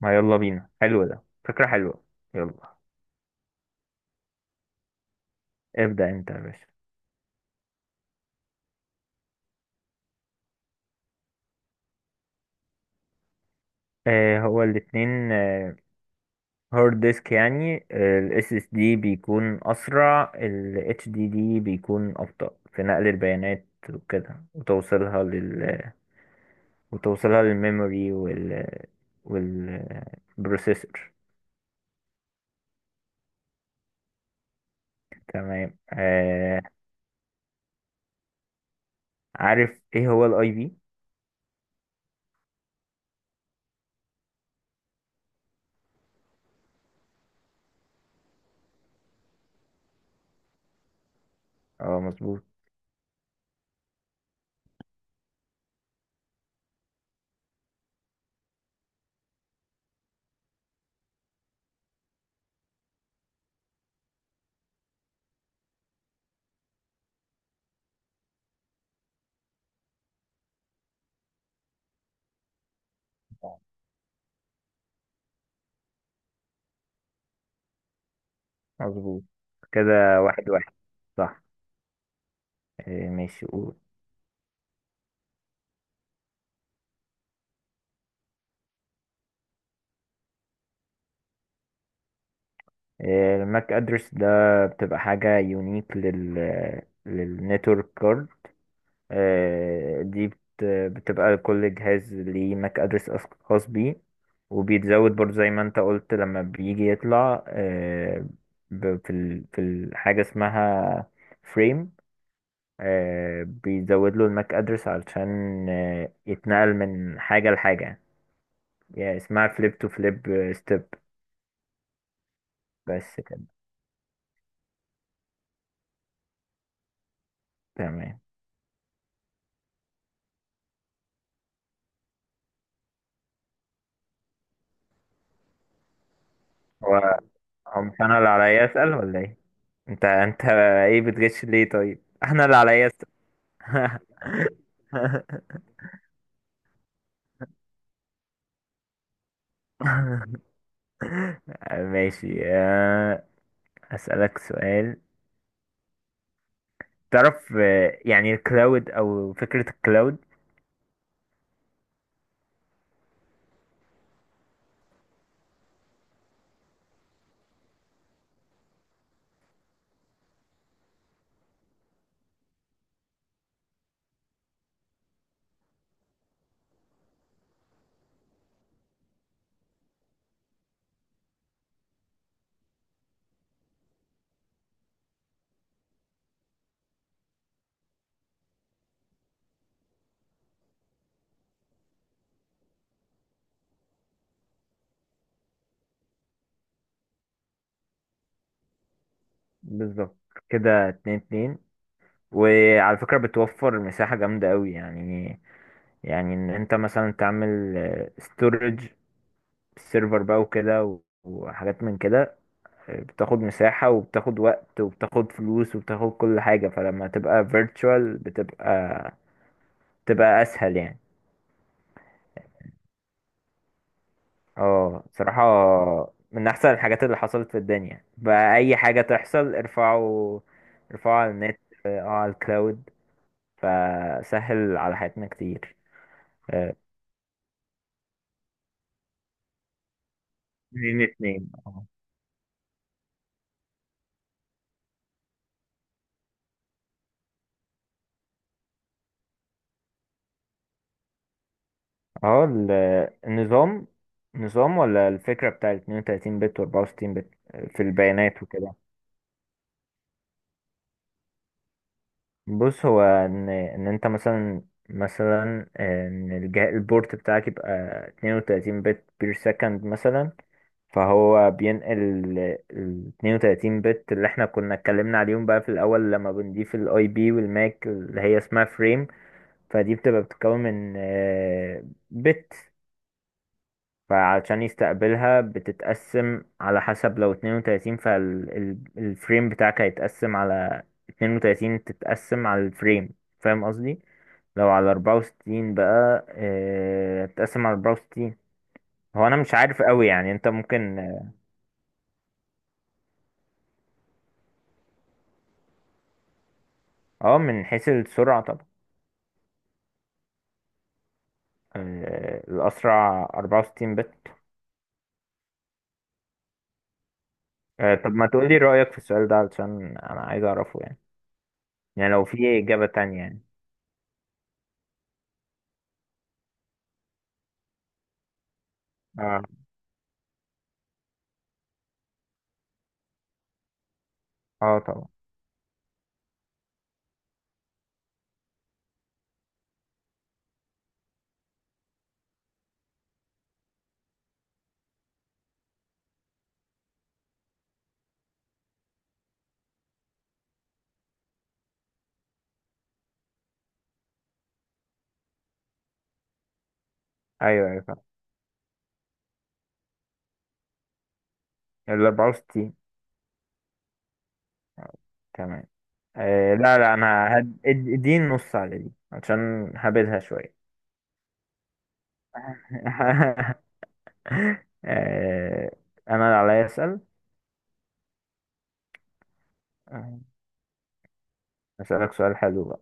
ما يلا بينا. حلو، ده فكرة حلوة. يلا. ابدأ انت يا باشا. آه، هو الاتنين هارد ديسك، يعني الاس اس دي بيكون اسرع، ال اتش دي دي بيكون ابطأ في نقل البيانات وكده وتوصيلها للميموري والبروسيسور. تمام، آه. عارف ايه هو الاي بي؟ اه، مظبوط، مظبوط، كده 1-1، صح. آه، ماشي. الماك ادرس ده بتبقى حاجة يونيك للنتورك كارد. بتبقى كل جهاز ليه ماك ادرس خاص بيه، وبيتزود برضه، زي ما انت قلت، لما بيجي يطلع في الحاجة اسمها فريم، بيزود له الماك ادرس علشان يتنقل من حاجة لحاجة، يعني اسمها فليب تو فليب ستيب. بس كده. تمام. أو مش انا اللي عليا اسال ولا ايه؟ انت ايه بتغش ليه طيب؟ احنا اللي عليا اسال. ماشي. اسالك سؤال. تعرف يعني الكلاود او فكره الكلاود؟ بالظبط، كده 2-2. وعلى فكره بتوفر مساحه جامده قوي يعني. يعني ان انت مثلا تعمل ستورج سيرفر بقى وكده و- وحاجات من كده، بتاخد مساحة وبتاخد وقت وبتاخد فلوس وبتاخد كل حاجة، فلما تبقى virtual بتبقى أسهل يعني. اه، صراحة، من أحسن الحاجات اللي حصلت في الدنيا. بقى أي حاجة تحصل، ارفعوا، ارفعوا على النت، اه، على الكلاود، فسهل على حياتنا كتير. اه، 2-2، اه. اه، النظام، نظام ولا الفكرة بتاع 32 بت و 64 بت في البيانات وكده؟ بص، هو ان انت مثلا ان الجهاز البورت بتاعك يبقى 32 بت بير سكند مثلا، فهو بينقل ال 32 بت اللي احنا كنا اتكلمنا عليهم بقى في الاول لما بنضيف الاي بي والماك اللي هي اسمها فريم، فدي بتبقى بتتكون من بت. فعشان يستقبلها بتتقسم على حسب، لو 32 فالفريم بتاعك هيتقسم على 32، تتقسم على الفريم، فاهم قصدي؟ لو على 64 بقى، هتتقسم على 64. هو انا مش عارف قوي، يعني انت ممكن. اه، من حيث السرعة طبعا. الاسرع 64 بت. طب ما تقولي رأيك في السؤال ده علشان انا عايز اعرفه يعني، يعني لو في اجابة تانية يعني. اه. اه، طبعا. ايوه، ايوه، فعلا ال 64. تمام. آه، لا، لا، انا اديني نص على دي عشان هبدها شوية. آه انا اللي عليا اسأل. آه، اسألك سؤال حلو بقى.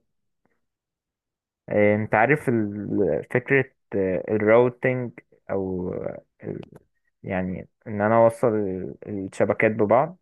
انت عارف فكرة الراوتينج، او يعني ان انا اوصل الشبكات ببعض.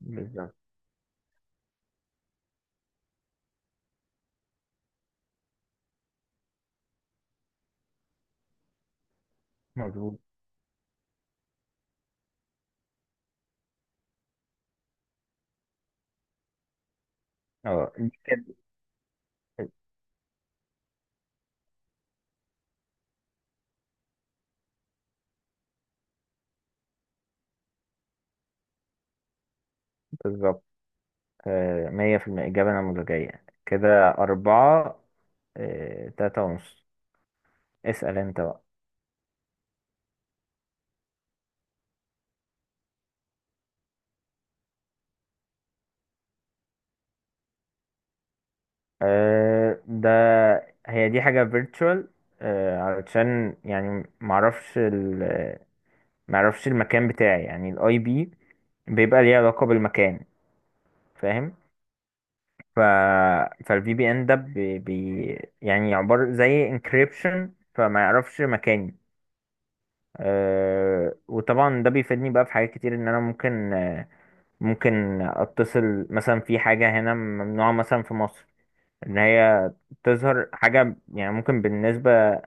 بالظبط، مظبوط. اه، دي كده بالظبط. 100%، إجابة نموذجية، كده أربعة، 3.5. اسأل انت بقى. أه ده هي دي حاجة virtual، علشان يعني معرفش المكان بتاعي، يعني الاي بي بيبقى ليه علاقة بالمكان، فاهم؟ ف فالفي بي ان ده بي... بي يعني عبارة زي encryption، فما يعرفش مكاني. أه، وطبعا ده بيفيدني بقى في حاجات كتير، ان انا ممكن اتصل مثلا في حاجة هنا ممنوعة مثلا في مصر، ان هي تظهر حاجة، يعني ممكن بالنسبة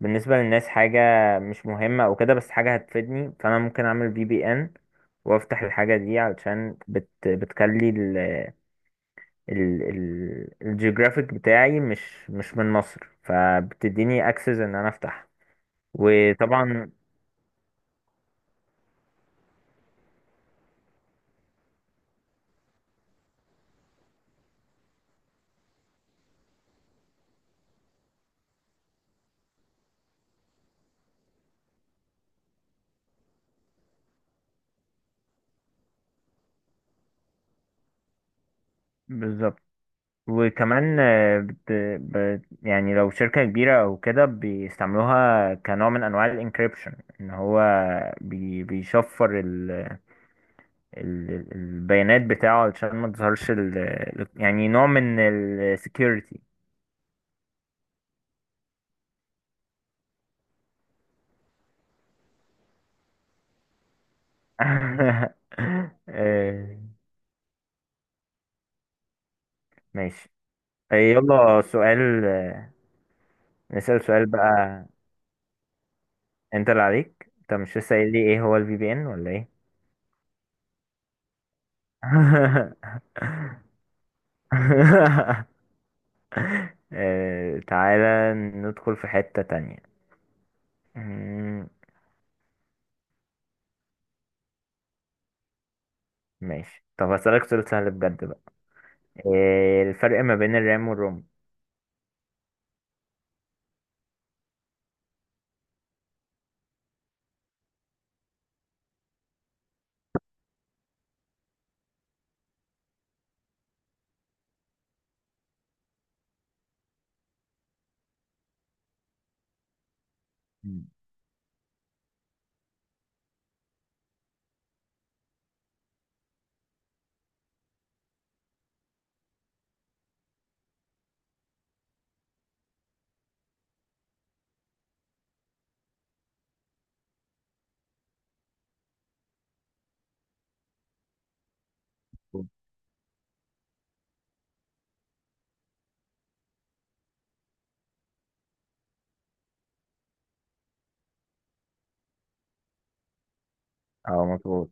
بالنسبة للناس حاجة مش مهمة او كده، بس حاجة هتفيدني، فانا ممكن اعمل في بي ان وافتح الحاجة دي، علشان بتخلي ال ال ال الجيوغرافيك بتاعي مش من مصر، فبتديني اكسس ان انا افتح. وطبعا، بالظبط. وكمان، يعني لو شركة كبيرة أو كده، بيستعملوها كنوع من أنواع الانكريبشن، إن هو بيشفر البيانات بتاعه علشان ما تظهرش يعني نوع من السكيورتي. آه، ماشي. يلا سؤال. نسأل سؤال بقى. انت اللي عليك، انت مش لسه قايل لي ايه هو الفي بي ان ولا ايه؟ تعالى ندخل في حتة تانية. مم. ماشي، طب هسألك سؤال سهل بجد بقى. الفرق ما بين الرام والروم؟ مم. اه، مظبوط.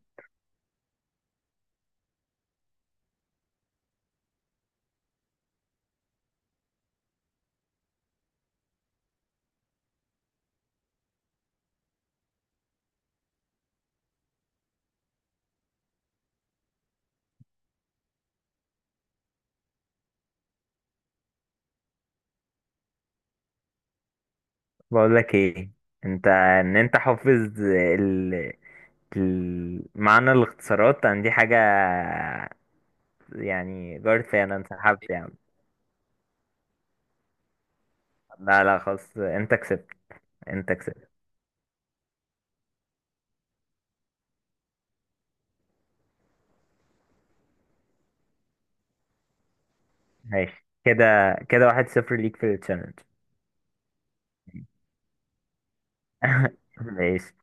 بقول لك ايه، ان انت حافظ ال... معنى الاختصارات عن دي حاجة؟ يعني جارتي، انا انسحبت يعني. لا، لا، خلاص، انت كسبت، انت كسبت. ماشي كده، كده 1-0 ليك في التشالنج. ماشي.